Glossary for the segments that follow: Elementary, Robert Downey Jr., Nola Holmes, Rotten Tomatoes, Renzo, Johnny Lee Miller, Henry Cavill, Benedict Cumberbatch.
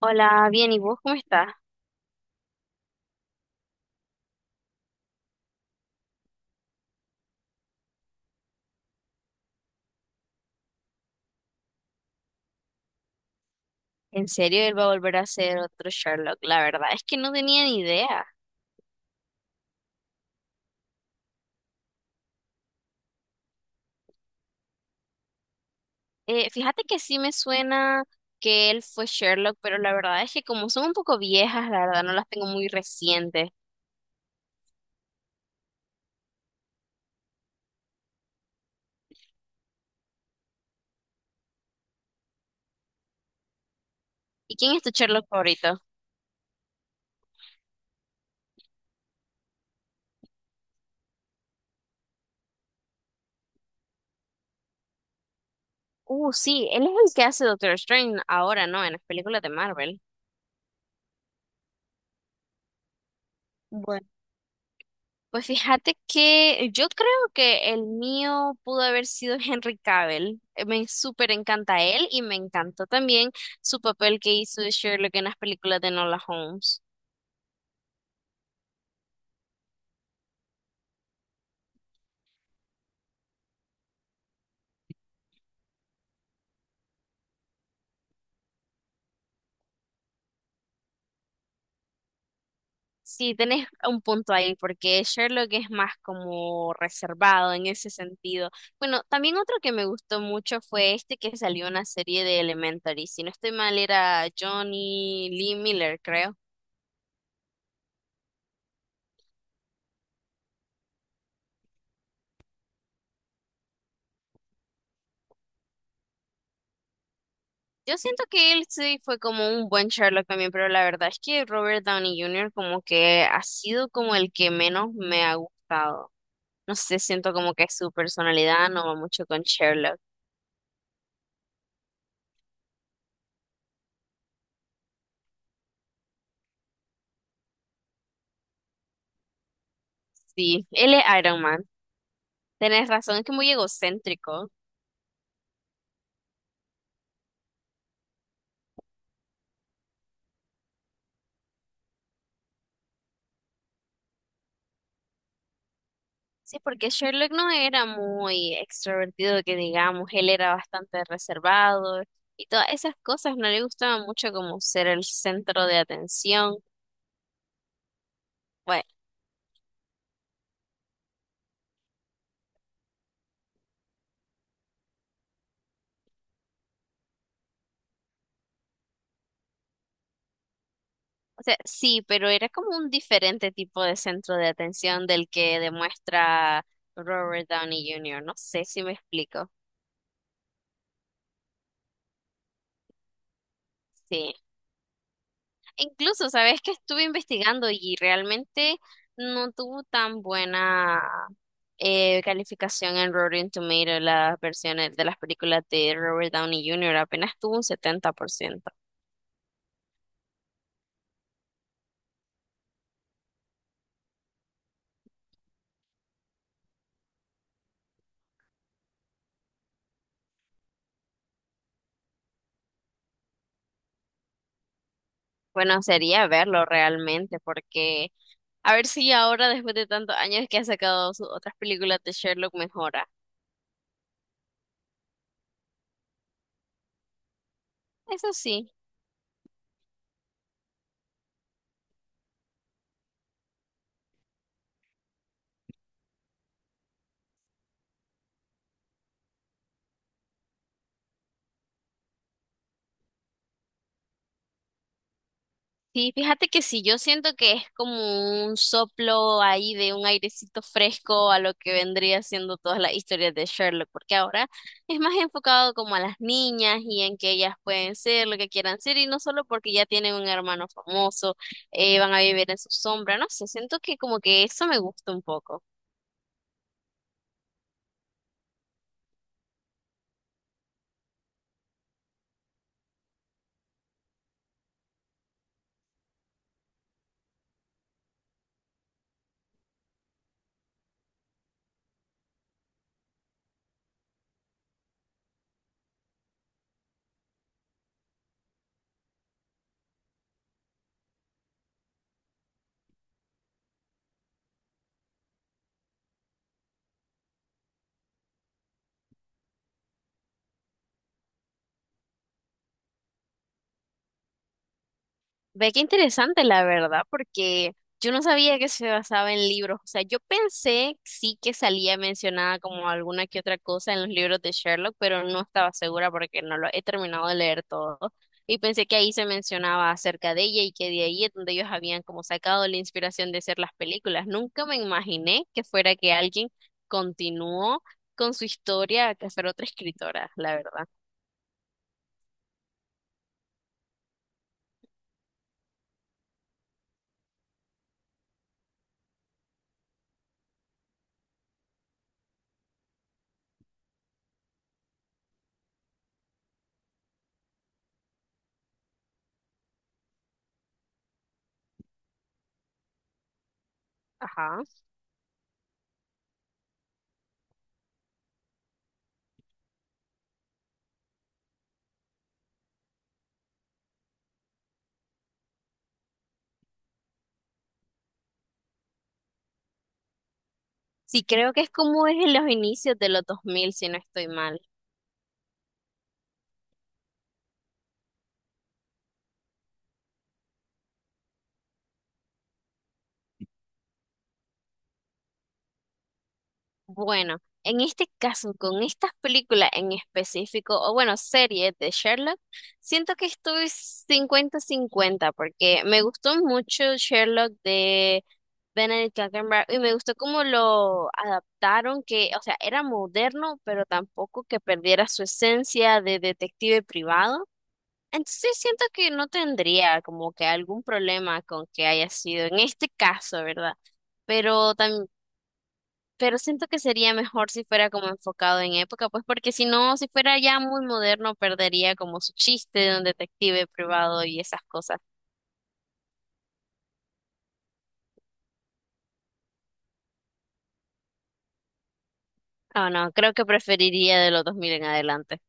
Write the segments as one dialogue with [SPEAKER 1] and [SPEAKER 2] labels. [SPEAKER 1] Hola, bien, ¿y vos cómo estás? ¿En serio él va a volver a ser otro Sherlock? La verdad es que no tenía ni idea. Fíjate que sí me suena que él fue Sherlock, pero la verdad es que como son un poco viejas, la verdad no las tengo muy recientes. ¿Y quién es tu Sherlock favorito? Sí, él es el que hace Doctor Strange ahora, ¿no? En las películas de Marvel. Bueno. Pues fíjate que yo creo que el mío pudo haber sido Henry Cavill. Me súper encanta él y me encantó también su papel que hizo de Sherlock en las películas de Nola Holmes. Sí, tenés un punto ahí, porque Sherlock es más como reservado en ese sentido. Bueno, también otro que me gustó mucho fue este que salió en la serie de Elementary. Si no estoy mal, era Johnny Lee Miller, creo. Yo siento que él sí fue como un buen Sherlock también, pero la verdad es que Robert Downey Jr. como que ha sido como el que menos me ha gustado. No sé, siento como que su personalidad no va mucho con Sherlock. Sí, él es Iron Man. Tenés razón, es que muy egocéntrico. Sí, porque Sherlock no era muy extrovertido, que digamos, él era bastante reservado y todas esas cosas, no le gustaba mucho como ser el centro de atención. Bueno, o sea, sí, pero era como un diferente tipo de centro de atención del que demuestra Robert Downey Jr. No sé si me explico. Sí. E incluso, sabes que estuve investigando y realmente no tuvo tan buena calificación en Rotten Tomatoes las versiones de las películas de Robert Downey Jr. Apenas tuvo un 70%. Bueno, sería verlo realmente porque a ver si ahora, después de tantos años que ha sacado sus otras películas de Sherlock, mejora. Eso sí. Sí, fíjate que sí, yo siento que es como un soplo ahí de un airecito fresco a lo que vendría siendo todas las historias de Sherlock, porque ahora es más enfocado como a las niñas y en que ellas pueden ser lo que quieran ser y no solo porque ya tienen un hermano famoso. Van a vivir en su sombra, no sé, siento que como que eso me gusta un poco. Ve qué interesante la verdad, porque yo no sabía que se basaba en libros. O sea, yo pensé sí que salía mencionada como alguna que otra cosa en los libros de Sherlock, pero no estaba segura porque no lo he terminado de leer todo. Y pensé que ahí se mencionaba acerca de ella y que de ahí es donde ellos habían como sacado la inspiración de hacer las películas. Nunca me imaginé que fuera que alguien continuó con su historia, que fuera otra escritora, la verdad. Ajá. Sí, creo que es como es en los inicios de los 2000 si no estoy mal. Bueno, en este caso, con estas películas en específico, o bueno, series de Sherlock, siento que estoy cincuenta cincuenta porque me gustó mucho Sherlock de Benedict Cumberbatch y me gustó cómo lo adaptaron, que, o sea, era moderno, pero tampoco que perdiera su esencia de detective privado. Entonces siento que no tendría como que algún problema con que haya sido en este caso, ¿verdad? Pero pero siento que sería mejor si fuera como enfocado en época, pues porque si no, si fuera ya muy moderno, perdería como su chiste de un detective privado y esas cosas. Ah, no, creo que preferiría de los dos mil en adelante.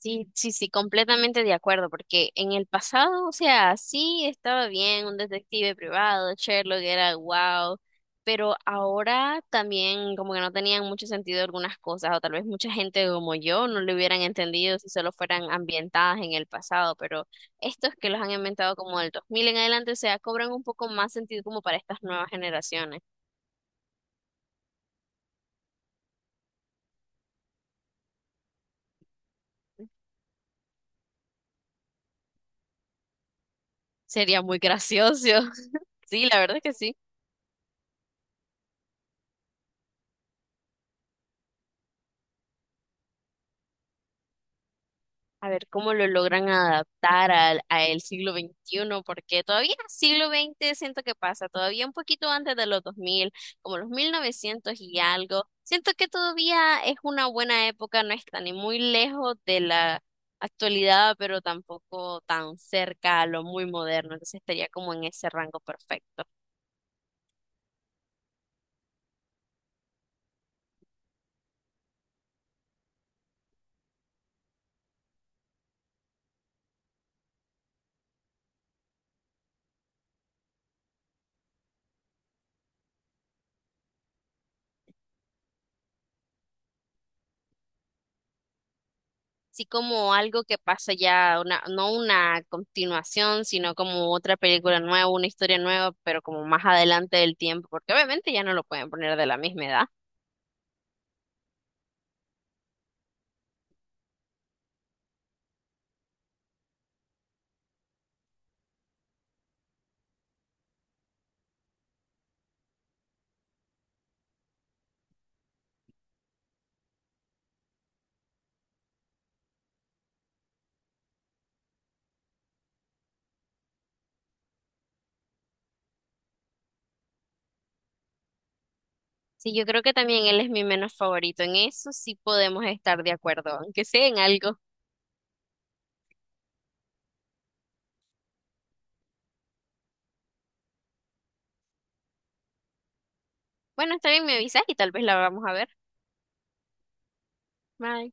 [SPEAKER 1] Sí, sí, sí, completamente de acuerdo, porque en el pasado, o sea, sí estaba bien un detective privado, Sherlock era wow, pero ahora también como que no tenían mucho sentido algunas cosas, o tal vez mucha gente como yo no lo hubieran entendido si solo fueran ambientadas en el pasado, pero estos que los han inventado como del 2000 en adelante, o sea, cobran un poco más sentido como para estas nuevas generaciones. Sería muy gracioso. Sí, la verdad es que sí. A ver cómo lo logran adaptar a el siglo XXI, porque todavía siglo XX siento que pasa, todavía un poquito antes de los 2000, como los 1900 y algo. Siento que todavía es una buena época, no está ni muy lejos de la actualidad, pero tampoco tan cerca a lo muy moderno, entonces estaría como en ese rango perfecto. Sí, como algo que pasa ya, una, no una continuación, sino como otra película nueva, una historia nueva, pero como más adelante del tiempo, porque obviamente ya no lo pueden poner de la misma edad. Sí, yo creo que también él es mi menos favorito. En eso sí podemos estar de acuerdo, aunque sea en algo. Bueno, está bien, me avisas y tal vez la vamos a ver. Bye.